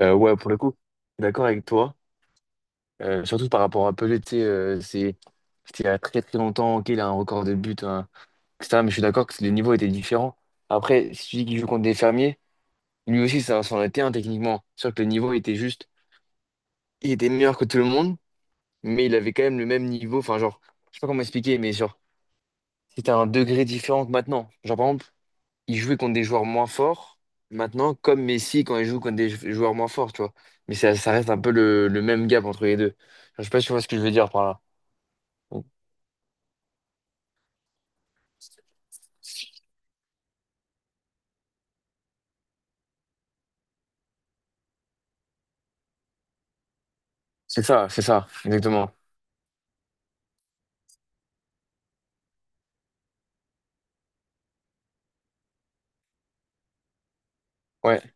Ouais, pour le coup, je suis d'accord avec toi. Surtout par rapport à Pelé, tu sais, c'était il y a très très longtemps qu'il a un record de buts, hein, etc. Mais je suis d'accord que le niveau était différent. Après, si tu dis qu'il joue contre des fermiers, lui aussi, ça s'en était un techniquement. C'est sûr que le niveau était juste. Il était meilleur que tout le monde, mais il avait quand même le même niveau. Enfin, genre, je sais pas comment expliquer, mais genre, c'était un degré différent que maintenant. Genre, par exemple, il jouait contre des joueurs moins forts. Maintenant, comme Messi quand il joue contre des joueurs moins forts, tu vois. Mais ça reste un peu le même gap entre les deux. Je sais pas si tu vois ce que je veux dire par là. Donc, c'est ça, c'est ça, exactement. Ouais,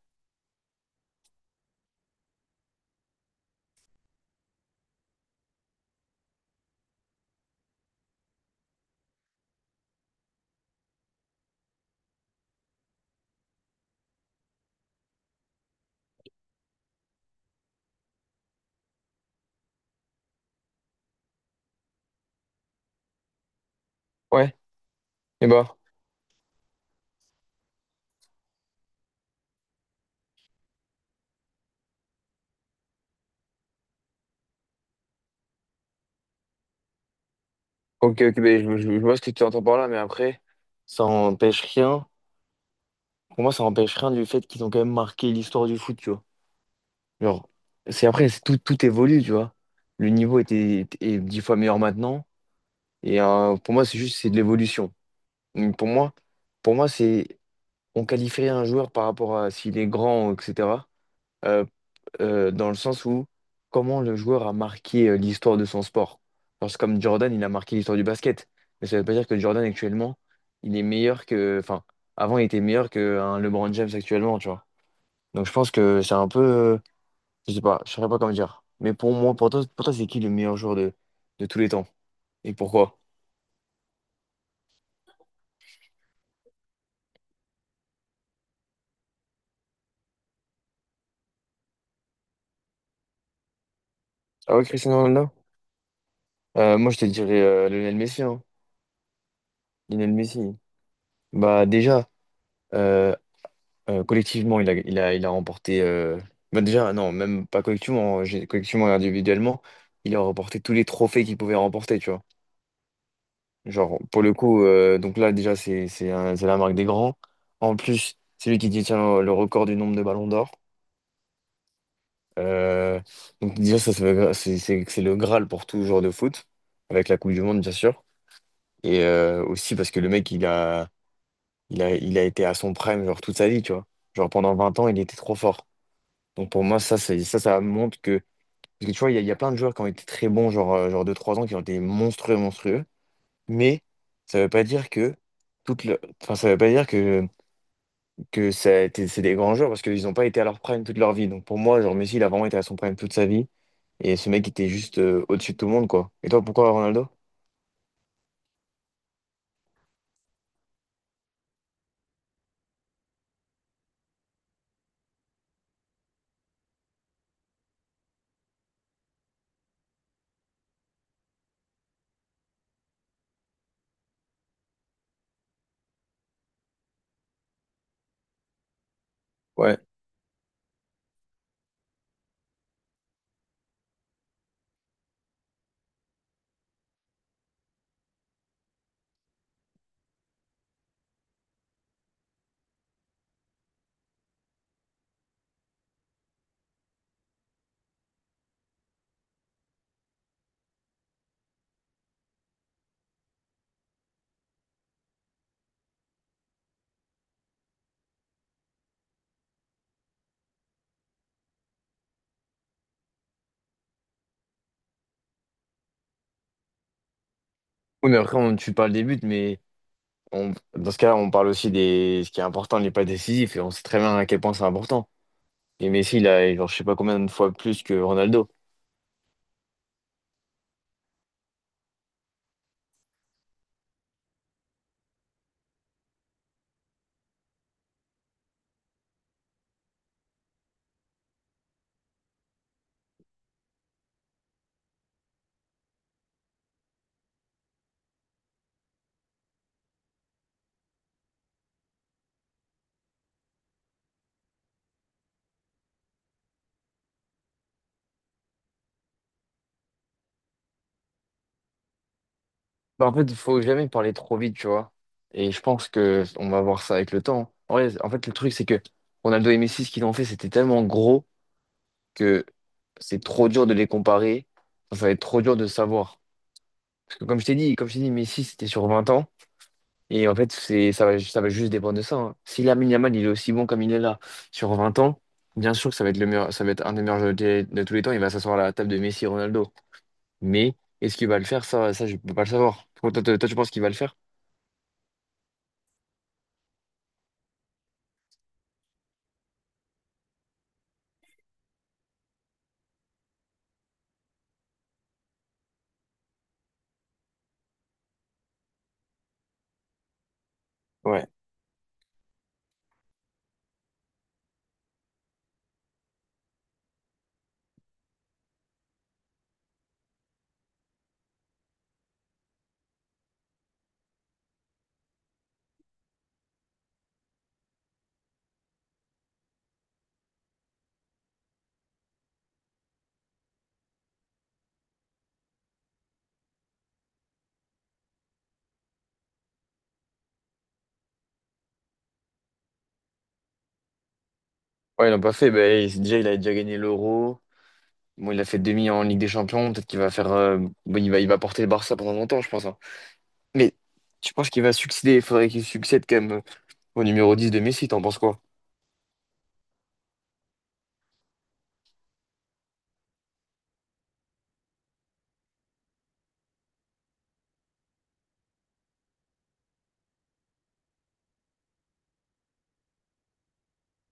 ouais. Et bah, ok, ok, ben, je vois ce que tu entends par là, mais après, ça empêche rien. Pour moi, ça empêche rien du fait qu'ils ont quand même marqué l'histoire du foot, tu vois. Genre, c'est après, c'est tout, tout évolue, tu vois. Le niveau est dix fois meilleur maintenant. Pour moi, c'est juste, c'est de l'évolution. Donc, pour moi, c'est on qualifierait un joueur par rapport à s'il est grand, etc. euh, dans le sens où comment le joueur a marqué l'histoire de son sport. Genre, c'est comme Jordan, il a marqué l'histoire du basket. Mais ça ne veut pas dire que Jordan actuellement, il est meilleur que. Enfin, avant, il était meilleur qu'un LeBron James actuellement, tu vois. Donc je pense que c'est un peu. Je sais pas, je saurais pas comment dire. Mais pour moi, pour toi, c'est qui le meilleur joueur de tous les temps? Et pourquoi? Ah ouais, Cristiano Ronaldo? Moi, je te dirais Lionel Messi, hein. Lionel Messi. Bah déjà. euh, collectivement, il a remporté. Bah déjà, non, même pas collectivement, hein, collectivement et individuellement, il a remporté tous les trophées qu'il pouvait remporter, tu vois. Genre, pour le coup, donc là, déjà, c'est la marque des grands. En plus, c'est lui qui détient le record du nombre de ballons d'or. Euh, donc, déjà, ça veut- c'est le Graal pour tout joueur de foot, avec la Coupe du Monde, bien sûr. Aussi parce que le mec, il a été à son prime, genre, toute sa vie, tu vois. Genre, pendant 20 ans, il était trop fort. Donc pour moi, ça montre que. Parce que tu vois, il y a plein de joueurs qui ont été très bons, genre, genre deux trois ans, qui ont été monstrueux, monstrueux. Mais ça veut pas dire que. Toute le... enfin, ça veut pas dire que, c'est des grands joueurs parce qu'ils n'ont pas été à leur prime toute leur vie. Donc pour moi, genre Messi, il a vraiment été à son prime toute sa vie. Et ce mec était juste au-dessus de tout le monde, quoi. Et toi, pourquoi Ronaldo? Ouais. Oui, mais après, on, tu parles des buts, mais dans ce cas-là, on parle aussi des ce qui est important n'est pas décisif. Et on sait très bien à quel point c'est important. Et Messi, il a, genre, je sais pas combien de fois plus que Ronaldo. Bah, en fait, il faut jamais parler trop vite, tu vois. Et je pense que on va voir ça avec le temps. En vrai, en fait, le truc, c'est que Ronaldo et Messi, ce qu'ils ont fait, c'était tellement gros que c'est trop dur de les comparer. Enfin, ça va être trop dur de savoir. Parce que comme je t'ai dit, Messi, c'était sur 20 ans. Et en fait, ça va juste dépendre de ça. Hein. Si Lamine Yamal, il est aussi bon comme il est là sur 20 ans, bien sûr que ça va être un des meilleurs joueurs de tous les temps. Il va s'asseoir à la table de Messi et Ronaldo. Mais est-ce qu'il va le faire? Ça, je peux pas le savoir. Toi, toi, tu penses qu'il va le faire? Ouais. Ouais, ils l'ont pas fait. Ben, déjà, il a déjà gagné l'Euro. Bon, il a fait demi en Ligue des Champions. Peut-être qu'il va faire. Bon, il va porter le Barça pendant longtemps, je pense. Hein. Mais tu penses qu'il va succéder? Il faudrait qu'il succède quand même au numéro 10 de Messi. T'en penses quoi?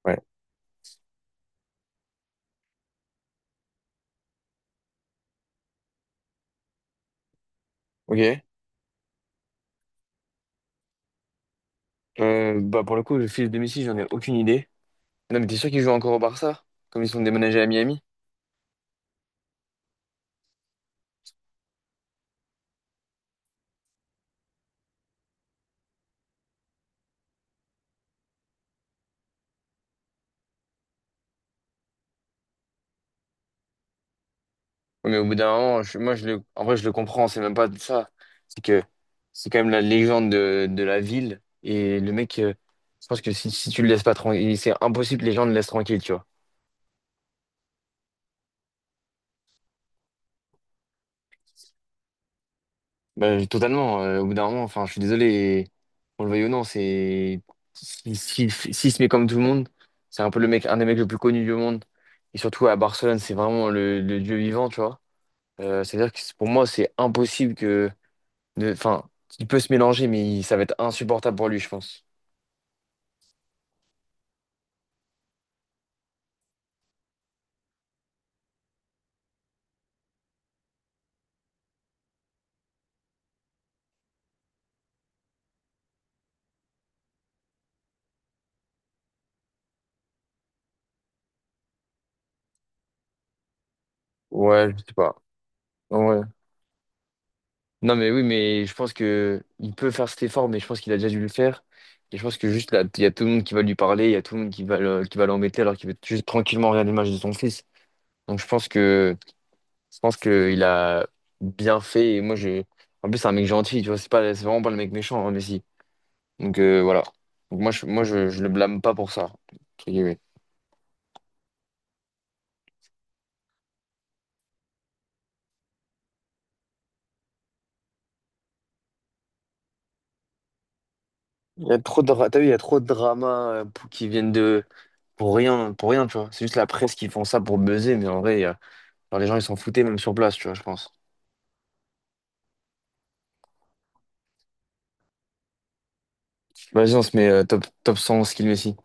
Ouais. Ok. Bah, pour le coup, le fils de Messi, j'en ai aucune idée. Ah non, mais t'es sûr qu'il joue encore au Barça? Comme ils sont déménagés à Miami? Oui, mais au bout d'un moment, moi, en vrai, je le comprends, c'est même pas de ça. C'est que c'est quand même la légende de la ville. Et le mec, je pense que si tu le laisses pas tranquille, c'est impossible que les gens le laissent tranquille, tu vois. Bah, totalement, au bout d'un moment, enfin, je suis désolé, et on le veuille ou non, c'est. S'il si- si- S'il se met comme tout le monde, c'est un peu le mec, un des mecs le plus connu du monde. Et surtout à Barcelone, c'est vraiment le dieu vivant, tu vois. C'est-à-dire que c'est- pour moi, c'est impossible que. De- Enfin, il peut se mélanger, mais ça va être insupportable pour lui, je pense. Ouais, je sais pas. Ouais. Non, mais oui, mais je pense que il peut faire cet effort, mais je pense qu'il a déjà dû le faire. Et je pense que juste là, il y a tout le monde qui va lui parler, il y a tout le monde qui va qui va l'embêter alors qu'il veut juste tranquillement regarder le match de son fils. Donc je pense que il a bien fait. Et moi, je en plus c'est un mec gentil, tu vois, c'est vraiment pas le mec méchant, hein, Messi. Donc voilà. Donc moi, je le blâme pas pour ça. Entre guillemets. Il y a trop de, t'as vu, il y a trop de dramas pour- qui viennent de... pour rien, tu vois. C'est juste la presse qui font ça pour buzzer, mais en vrai, genre, les gens, ils s'en foutaient même sur place, tu vois, je pense. Vas-y, on se met top 100 skill Messi.